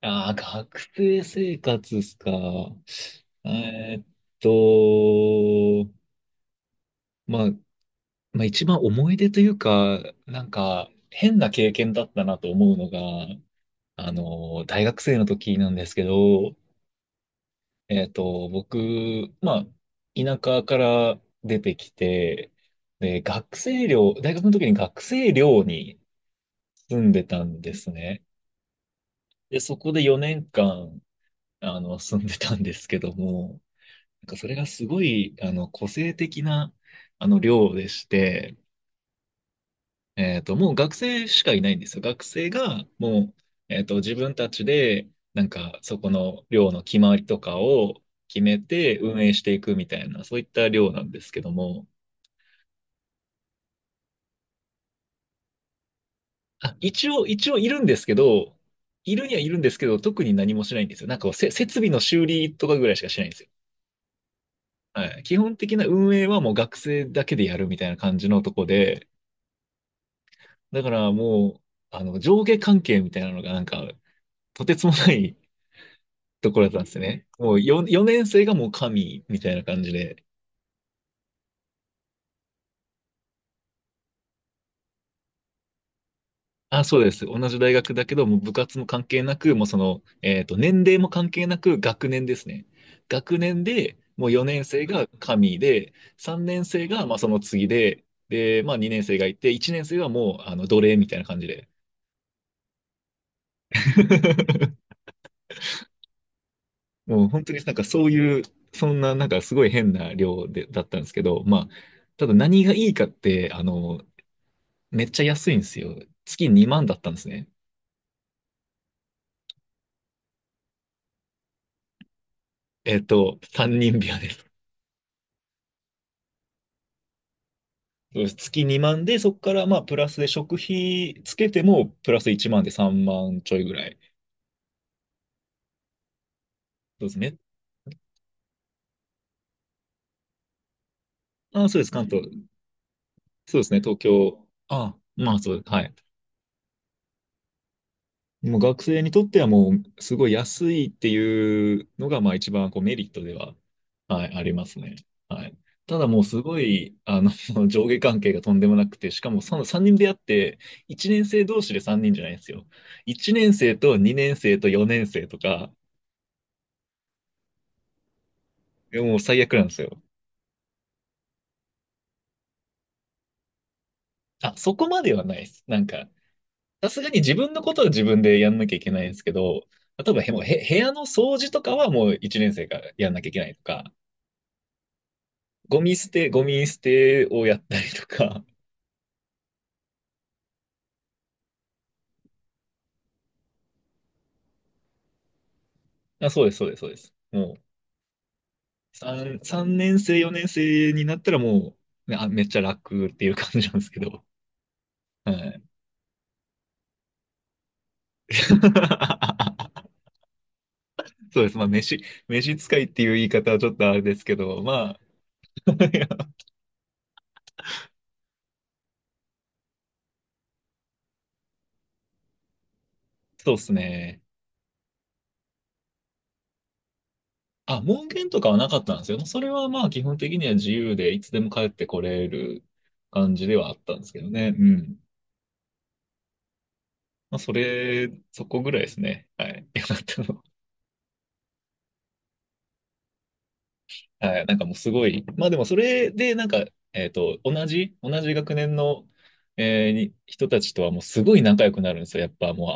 ああ、学生生活ですか。えーっと、まあ、まあ一番思い出というか、なんか変な経験だったなと思うのが、大学生の時なんですけど、僕、まあ、田舎から出てきて、で、学生寮、大学の時に学生寮に住んでたんですね。で、そこで4年間、住んでたんですけども、なんかそれがすごい、個性的な、量でして、もう学生しかいないんですよ。学生が、もう、自分たちで、なんか、そこの量の決まりとかを決めて運営していくみたいな、そういった量なんですけども、あ、一応いるんですけど、いるにはいるんですけど、特に何もしないんですよ。なんかこう、設備の修理とかぐらいしかしないんですよ。はい。基本的な運営はもう学生だけでやるみたいな感じのとこで、だからもう、上下関係みたいなのがなんか、とてつもないところだったんですね。もう4年生がもう神みたいな感じで。あ、そうです。同じ大学だけど、もう部活も関係なく、もうその、年齢も関係なく学年ですね。学年で、もう4年生が神で、3年生がまあその次で、で、まあ2年生がいて、1年生はもう、奴隷みたいな感じで。もう本当になんかそういう、そんななんかすごい変な量で、だったんですけど、まあ、ただ何がいいかって、めっちゃ安いんですよ。月2万だったんですね。3人部屋です。そうです月2万で、そこからまあ、プラスで食費つけても、プラス1万で3万ちょいぐらい。そうですね。ああ、そうです、関東。そうですね、東京。ああ、まあ、そう、ですはい。もう学生にとってはもうすごい安いっていうのがまあ一番こうメリットでは、はい、ありますね。はい。ただもうすごい、上下関係がとんでもなくて、しかもその3人でやって、1年生同士で3人じゃないんですよ。1年生と2年生と4年生とか、もう最悪なんですよ。あ、そこまではないです。なんか、さすがに自分のことは自分でやんなきゃいけないんですけど、例えばへもうへ部屋の掃除とかはもう1年生がやんなきゃいけないとか、ゴミ捨てをやったりとか、あ、そうです、そうです、そうです。もう、3、三年生、4年生になったらもう、ねあ、めっちゃ楽っていう感じなんですけど。はい。そうです。まあ、飯使いっていう言い方はちょっとあれですけど、まあ、いやそうですね。あ、門限とかはなかったんですよ。それはまあ、基本的には自由で、いつでも帰ってこれる感じではあったんですけどね。うん。まあ、それ、そこぐらいですね。はい。よかったのは、はい、なんかもうすごい、まあでもそれでなんか、同じ学年の、えーに人たちとはもうすごい仲良くなるんですよ。やっぱも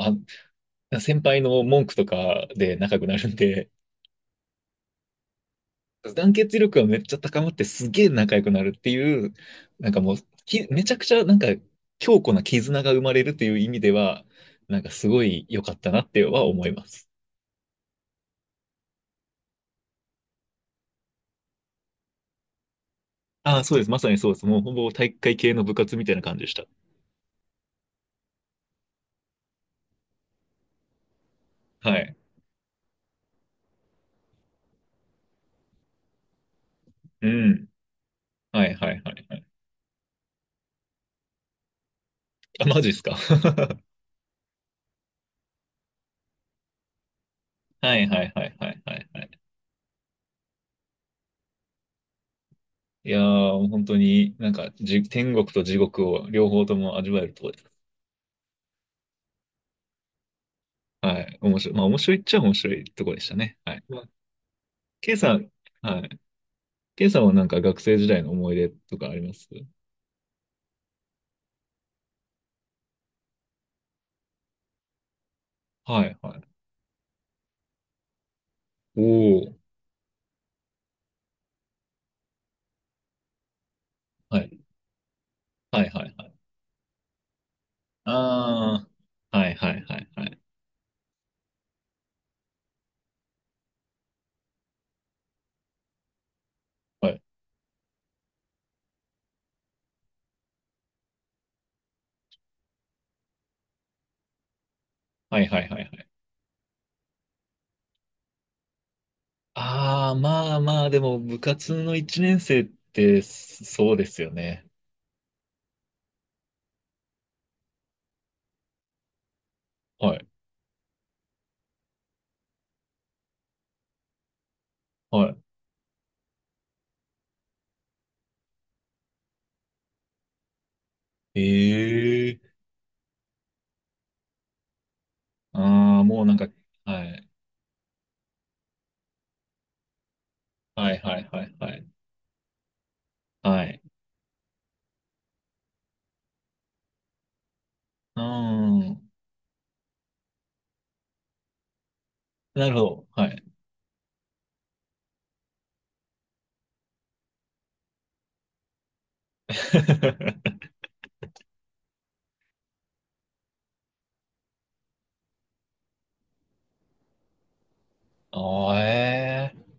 う、あ、先輩の文句とかで仲良くなるんで、団結力がめっちゃ高まってすげえ仲良くなるっていう、なんかもう、めちゃくちゃなんか強固な絆が生まれるっていう意味では、なんかすごい良かったなっては思います。ああ、そうです。まさにそうです。もうほぼ体育会系の部活みたいな感じでした。はい。うん。はいはいはいはい。あ、マジっすか。はいはいはいはいはいはい。いやー、もう本当になんか天国と地獄を両方とも味わえるところです。はい。面白い。まあ面白いっちゃ面白いところでしたね。はい。まあ、ケイさん、はい。ケイさんはなんか学生時代の思い出とかあります？はいはい。おー。はい。はいはいはい。あー。はいはいはいはい。はい。はいはいはいはい。あー、まあまあ、でも部活の1年生ってそうですよね。はい。はい。えああ、もうなんか、はい。はいはいはいはい。はい。うーん。なるほど。はい。ああ、ええ、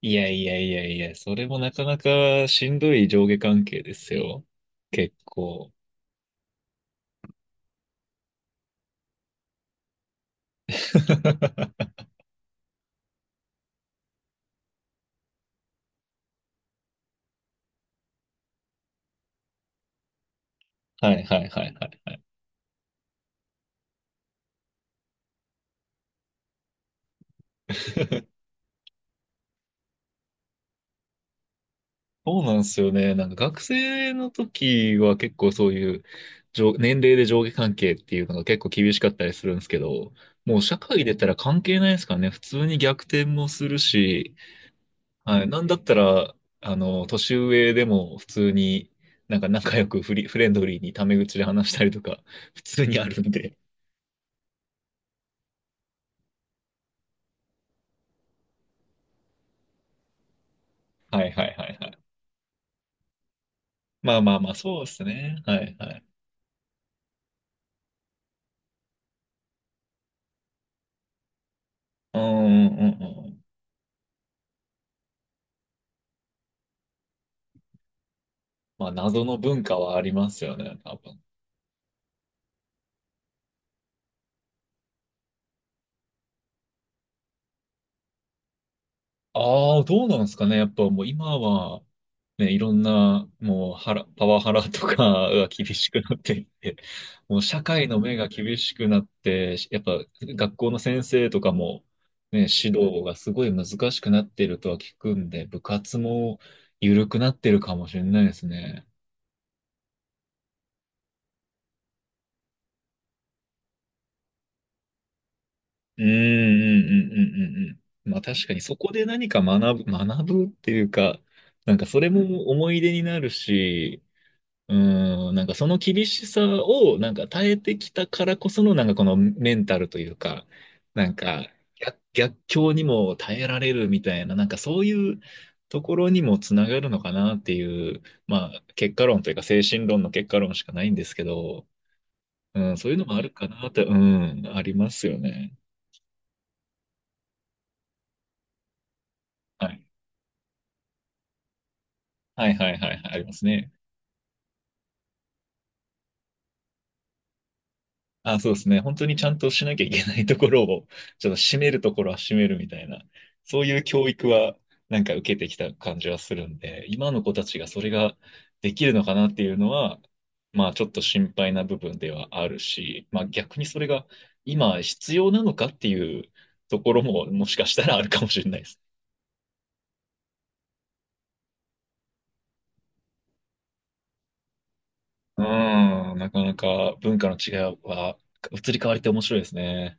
いやいやいやいや、それもなかなかしんどい上下関係ですよ。結構。はいはいはいはい。そうなんですよね。なんか学生の時は結構そういう上年齢で上下関係っていうのが結構厳しかったりするんですけど、もう社会出たら関係ないですからね。普通に逆転もするし、はい。なんだったら、年上でも普通に、なんか仲良くフレンドリーにタメ口で話したりとか、普通にあるんで。はいはいはいはい。まあまあまあ、そうですね。はいはい。うんうんうんうん。まあ、謎の文化はありますよね、多分。ああ、どうなんですかね。やっぱもう今は、ね、いろんな、もう、パワハラとか が厳しくなっていて、もう社会の目が厳しくなって、やっぱ学校の先生とかも、ね、指導がすごい難しくなっているとは聞くんで、部活も緩くなってるかもしれないですね。うん、うん、うん、うん、うん。うん、まあ確かにそこで何か学ぶっていうか、なんかそれも思い出になるし、うん、なんかその厳しさをなんか耐えてきたからこそのなんかこのメンタルというか、なんか逆境にも耐えられるみたいな、なんかそういうところにもつながるのかなっていう、まあ結果論というか精神論の結果論しかないんですけど、うん、そういうのもあるかなって、うん、ありますよね。はい。はいはいはいはい、ありますね。あ、そうですね。本当にちゃんとしなきゃいけないところを、ちょっと締めるところは締めるみたいな、そういう教育はなんか受けてきた感じはするんで、今の子たちがそれができるのかなっていうのは、まあちょっと心配な部分ではあるし、まあ逆にそれが今必要なのかっていうところももしかしたらあるかもしれないです。うん、なかなか文化の違いは移り変わりって面白いですね。